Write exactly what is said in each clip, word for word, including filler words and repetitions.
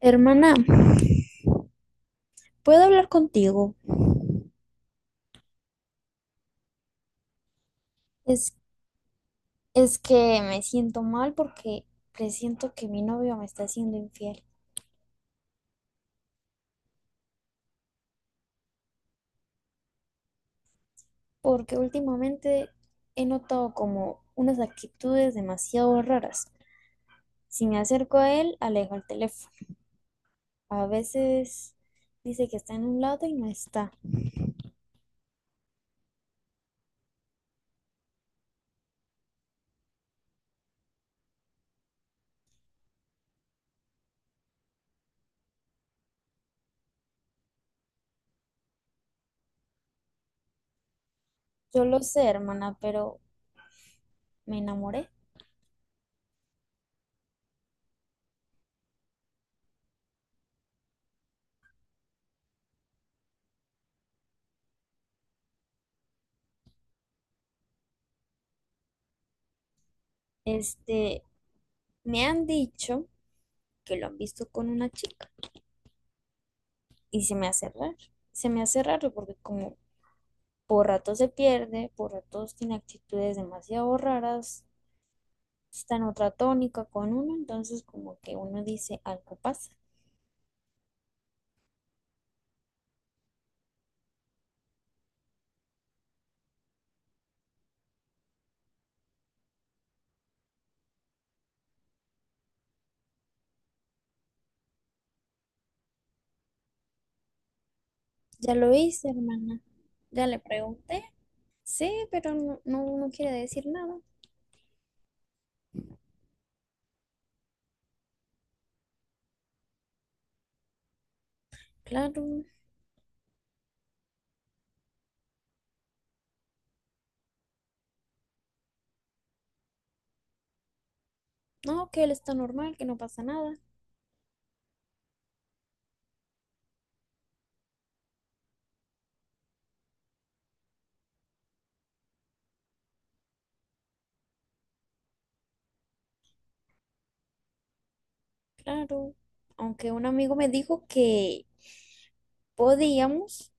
Hermana, ¿puedo hablar contigo? Es, es que me siento mal porque presiento que mi novio me está haciendo infiel, porque últimamente he notado como unas actitudes demasiado raras. Si me acerco a él, alejo el teléfono. A veces dice que está en un lado y no está. Yo lo sé, hermana, pero me enamoré. Este, Me han dicho que lo han visto con una chica y se me hace raro. Se me hace raro porque como por ratos se pierde, por ratos tiene actitudes demasiado raras, está en otra tónica con uno, entonces como que uno dice algo pasa. Ya lo hice, hermana. Ya le pregunté. Sí, pero no, no, no quiere decir nada. Claro. No, que él está normal, que no pasa nada. Claro. Aunque un amigo me dijo que podíamos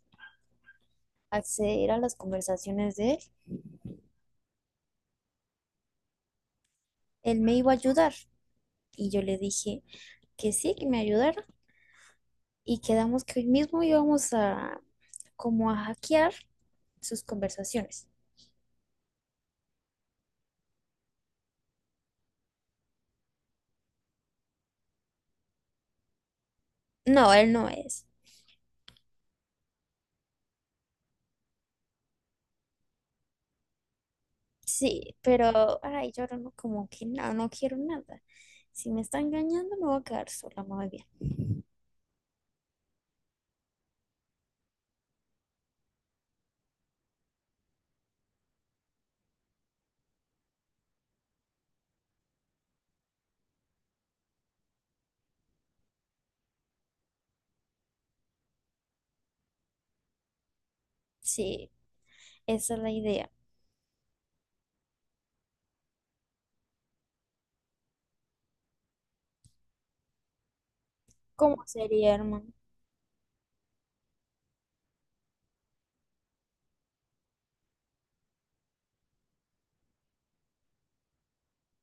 acceder a las conversaciones de él. Él me iba a ayudar. Y yo le dije que sí, que me ayudara. Y quedamos que hoy mismo íbamos a como a hackear sus conversaciones. No, él no es. Sí, pero, ay, yo ahora no, como que no, no quiero nada. Si me está engañando, me voy a quedar sola, muy bien. Sí, esa es la idea. ¿Cómo sería, hermano?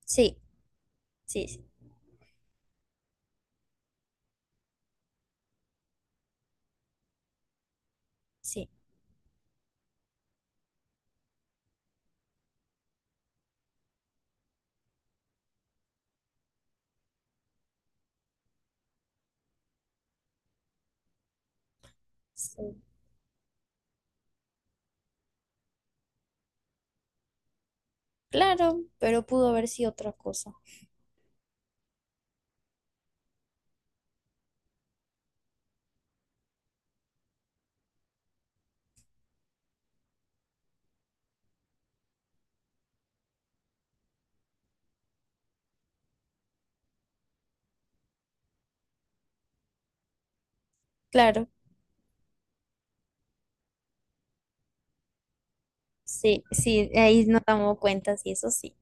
Sí, sí, sí, sí, sí. Claro, pero pudo haber sido otra cosa. Claro, sí, sí, ahí nos damos cuenta, sí, eso sí.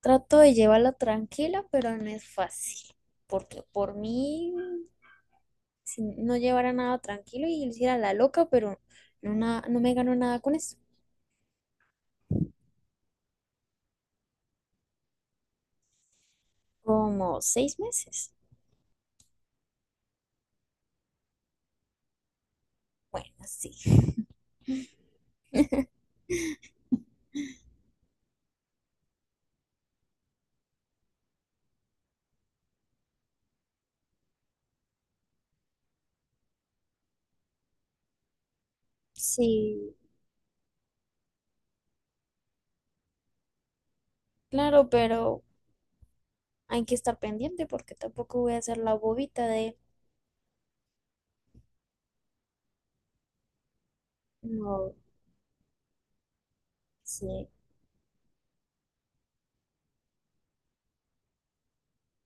Trato de llevarla tranquila, pero no es fácil, porque por mí si no llevara nada tranquilo y hiciera la loca, pero no, na- no me ganó nada con eso. Como seis meses. Bueno, sí. Sí, claro, pero hay que estar pendiente porque tampoco voy a ser la bobita de... No, sí,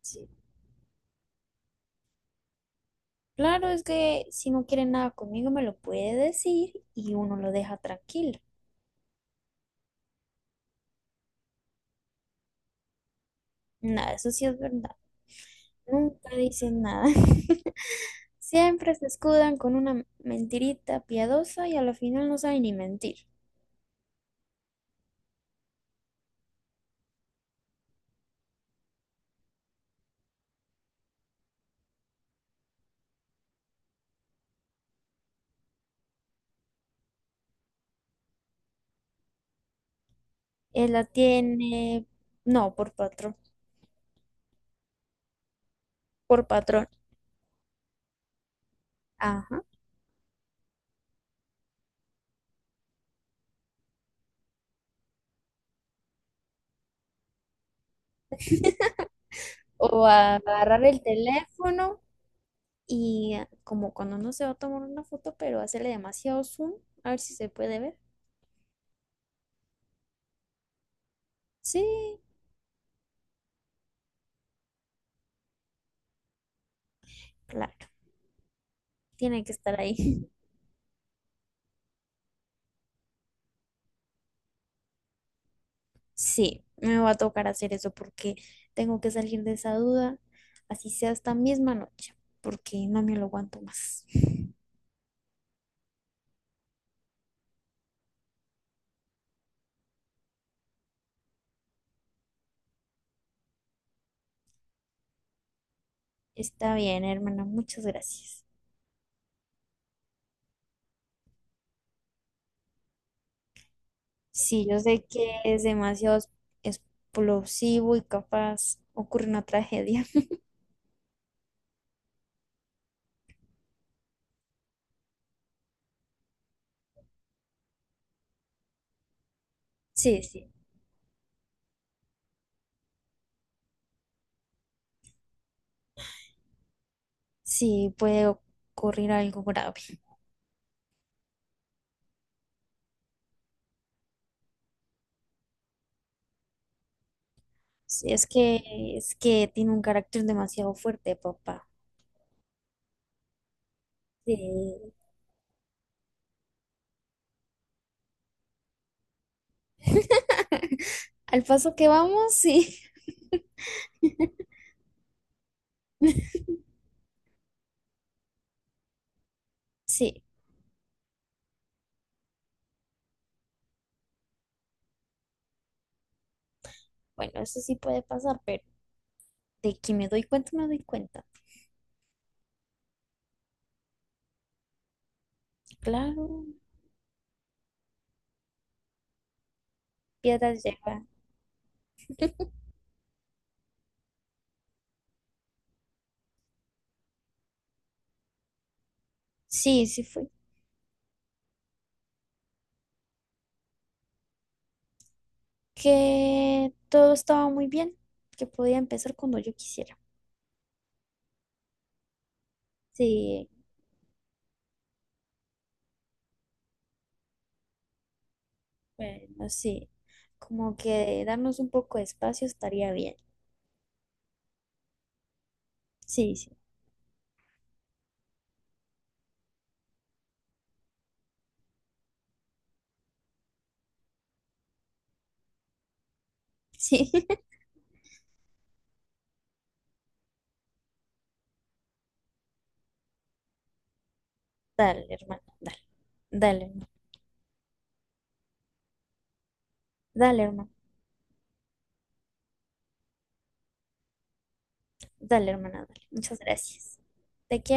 sí. Claro, es que si no quiere nada conmigo me lo puede decir y uno lo deja tranquilo. Nada, eso sí es verdad. Nunca dicen nada. Siempre se escudan con una mentirita piadosa y a la final no saben ni mentir. Él la tiene, no, por patrón, por patrón. Ajá. O agarrar el teléfono y ah, como cuando uno se va a tomar una foto, pero hacerle demasiado zoom, a ver si se puede ver. Sí, claro, tiene que estar ahí. Sí, me va a tocar hacer eso porque tengo que salir de esa duda, así sea esta misma noche, porque no me lo aguanto más. Está bien, hermana, muchas gracias. Sí, yo sé que es demasiado explosivo y capaz ocurre una tragedia. Sí, sí, sí, puede ocurrir algo grave. Sí, es que es que tiene un carácter demasiado fuerte, papá. Sí. Al paso que vamos, sí. Sí, bueno, eso sí puede pasar, pero de que me doy cuenta, me doy cuenta. Claro, piedras lleva. Sí, sí fue. Que todo estaba muy bien, que podía empezar cuando yo quisiera. Sí, bueno, sí, como que darnos un poco de espacio estaría bien. Sí, sí, sí. Dale, hermano, dale, dale, hermano, dale, hermano, dale, hermana, dale. Muchas gracias. Te quiero.